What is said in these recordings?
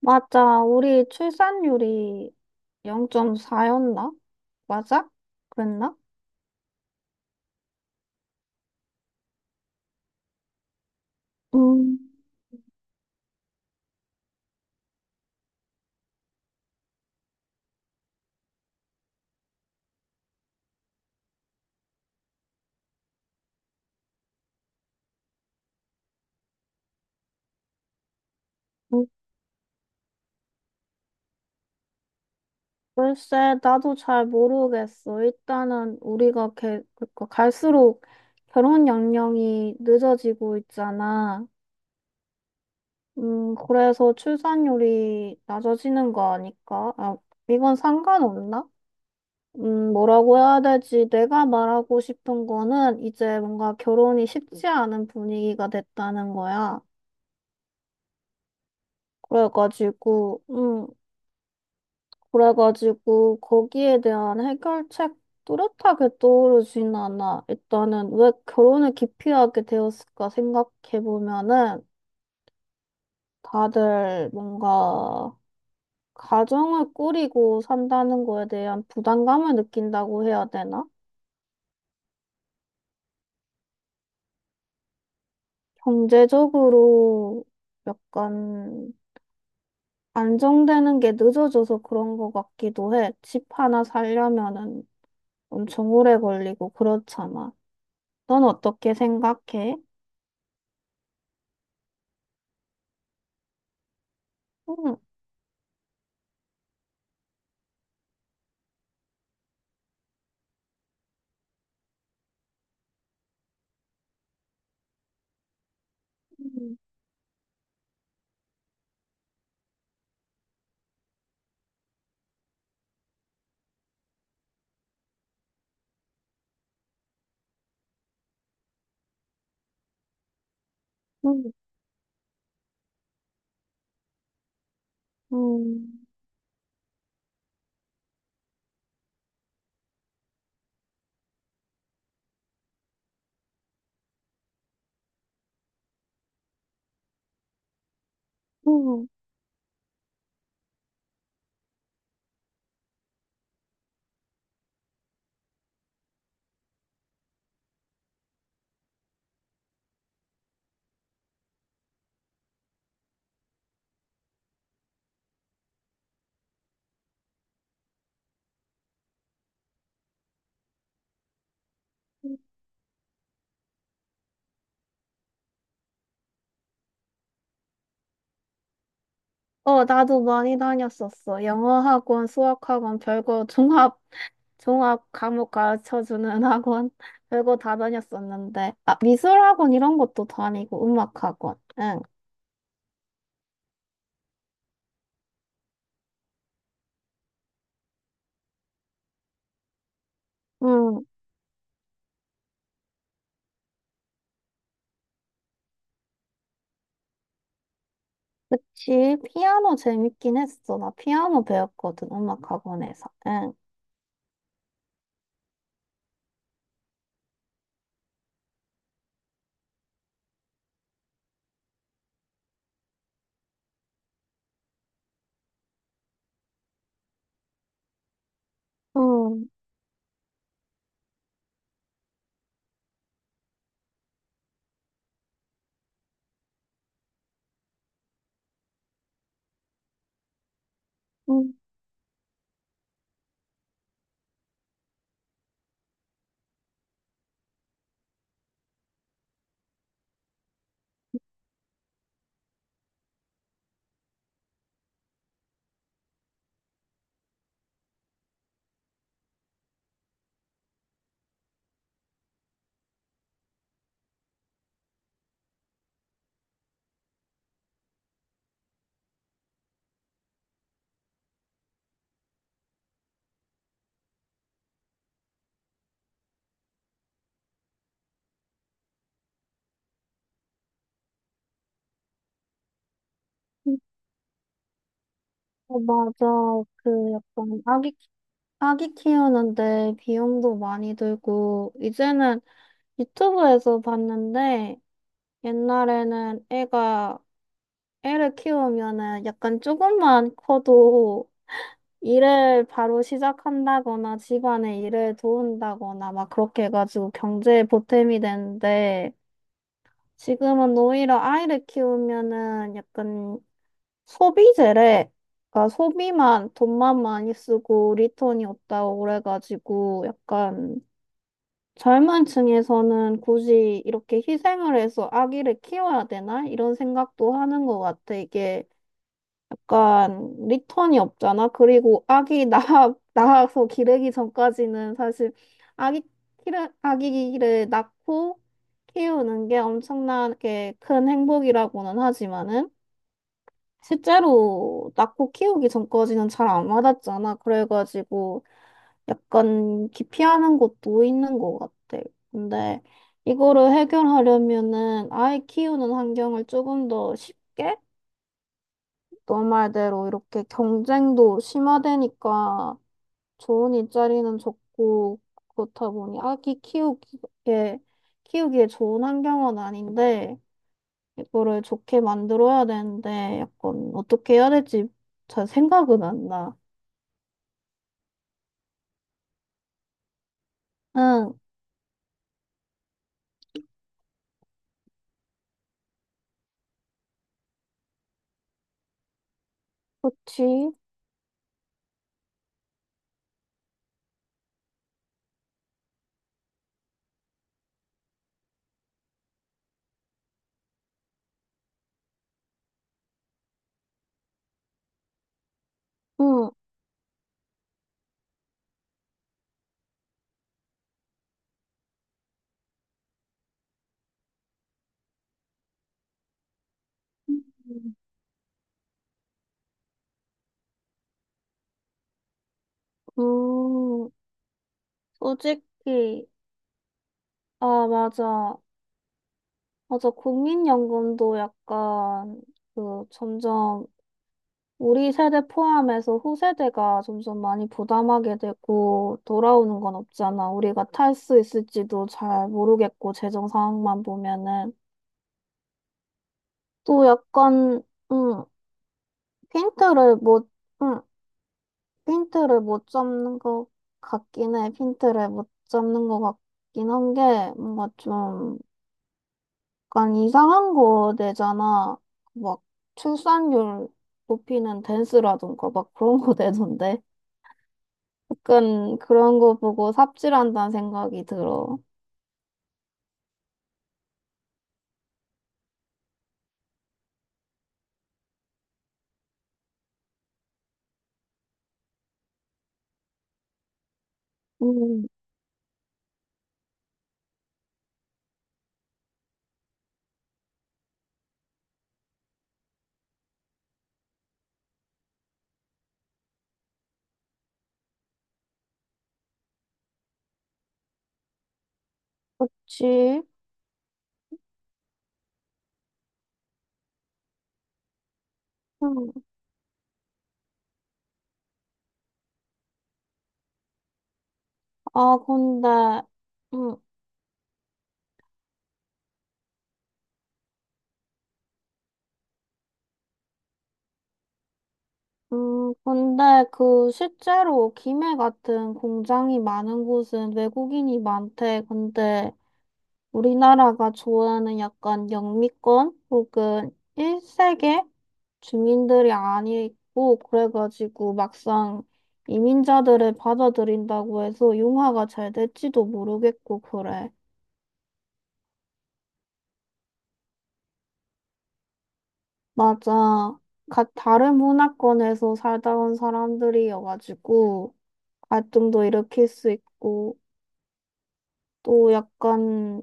맞아. 우리 출산율이 0.4였나? 맞아? 그랬나? 음, 음, 글쎄, 나도 잘 모르겠어. 일단은 우리가 그러니까 갈수록 결혼 연령이 늦어지고 있잖아. 그래서 출산율이 낮아지는 거 아닐까? 아, 이건 상관없나? 뭐라고 해야 되지? 내가 말하고 싶은 거는 이제 뭔가 결혼이 쉽지 않은 분위기가 됐다는 거야. 그래가지고, 음, 그래가지고, 거기에 대한 해결책 뚜렷하게 떠오르진 않아. 일단은 왜 결혼을 기피하게 되었을까 생각해보면은, 다들 뭔가, 가정을 꾸리고 산다는 거에 대한 부담감을 느낀다고 해야 되나? 경제적으로 약간 안정되는 게 늦어져서 그런 것 같기도 해. 집 하나 살려면은 엄청 오래 걸리고 그렇잖아. 넌 어떻게 생각해? 응. 응. 응. 응. 응. 어, 나도 많이 다녔었어. 영어 학원, 수학 학원, 종합 과목 가르쳐주는 학원, 별거 다 다녔었는데. 아, 미술 학원 이런 것도 다니고, 음악 학원. 응. 응. 그치. 피아노 재밌긴 했어. 나 피아노 배웠거든, 음악 학원에서. 응. 응. 응. 응. 어, 맞아. 그 약간 악기 아기 키우는데 비용도 많이 들고, 이제는 유튜브에서 봤는데, 옛날에는 애가, 애를 키우면은 약간 조금만 커도 일을 바로 시작한다거나 집안의 일을 도운다거나 막 그렇게 해가지고 경제에 보탬이 되는데, 지금은 오히려 아이를 키우면은 약간 소비재래. 그러니까 소비만 돈만 많이 쓰고 리턴이 없다고 그래가지고 약간 젊은 층에서는 굳이 이렇게 희생을 해서 아기를 키워야 되나? 이런 생각도 하는 것 같아. 이게 약간 리턴이 없잖아. 그리고 아기 낳아서 기르기 전까지는 사실 아기, 아기를 낳고 키우는 게 엄청나게 큰 행복이라고는 하지만은 실제로 낳고 키우기 전까지는 잘 안 와닿잖아. 그래가지고 약간 기피하는 것도 있는 것 같아. 근데 이거를 해결하려면은 아이 키우는 환경을 조금 더 쉽게, 너 말대로 이렇게 경쟁도 심화되니까 좋은 일자리는 적고 그렇다 보니 아기 키우기에 좋은 환경은 아닌데 이거를 좋게 만들어야 되는데 약간 어떻게 해야 될지 잘 생각은 안 나. 응, 그치. 응. 음. 음, 솔직히, 아, 맞아. 맞아. 국민연금도 약간, 점점, 우리 세대 포함해서 후세대가 점점 많이 부담하게 되고, 돌아오는 건 없잖아. 우리가 탈 수 있을지도 잘 모르겠고, 재정 상황만 보면은. 또 약간, 음 핀트를 못, 응, 핀트를 못 잡는 것 같긴 해. 핀트를 못 잡는 것 같긴 한 게, 뭔가 좀, 약간 이상한 거 내잖아. 막, 출산율 높이는 댄스라던가, 막 그런 거 내던데. 약간 그런 거 보고 삽질한다는 생각이 들어. 음, 그치? 응. 아, 근데, 응. 근데 그 실제로 김해 같은 공장이 많은 곳은 외국인이 많대. 근데 우리나라가 좋아하는 약간 영미권 혹은 일세계 주민들이 아니고 그래가지고 막상 이민자들을 받아들인다고 해서 융화가 잘 될지도 모르겠고 그래. 맞아. 각 다른 문화권에서 살다 온 사람들이어가지고 갈등도 일으킬 수 있고. 또 약간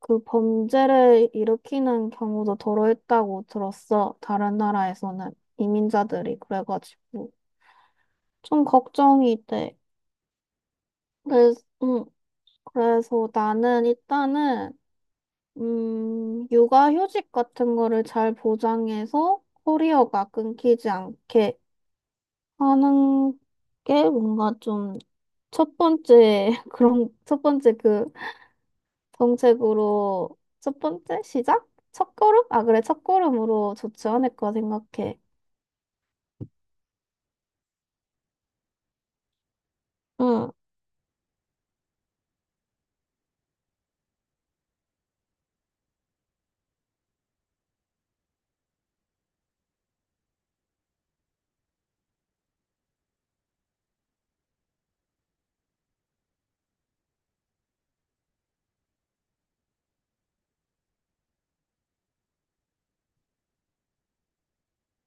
그 범죄를 일으키는 경우도 더러 있다고 들었어. 다른 나라에서는 이민자들이 그래가지고 좀 걱정이 돼. 그래서, 음, 그래서 나는 일단은 육아휴직 같은 거를 잘 보장해서 커리어가 끊기지 않게 하는 게 뭔가 좀 첫 번째, 그런 첫 번째, 그 정책으로, 첫 번째 시작? 첫걸음? 아, 그래, 첫걸음으로 좋지 않을까 생각해. 응,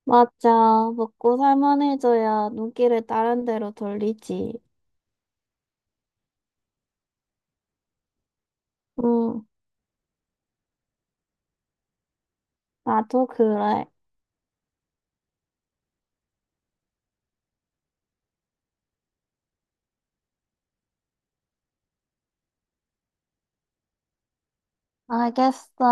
맞아. 먹고 살만해져야 눈길을 다른 데로 돌리지. 응, 나도 그래. 알겠어.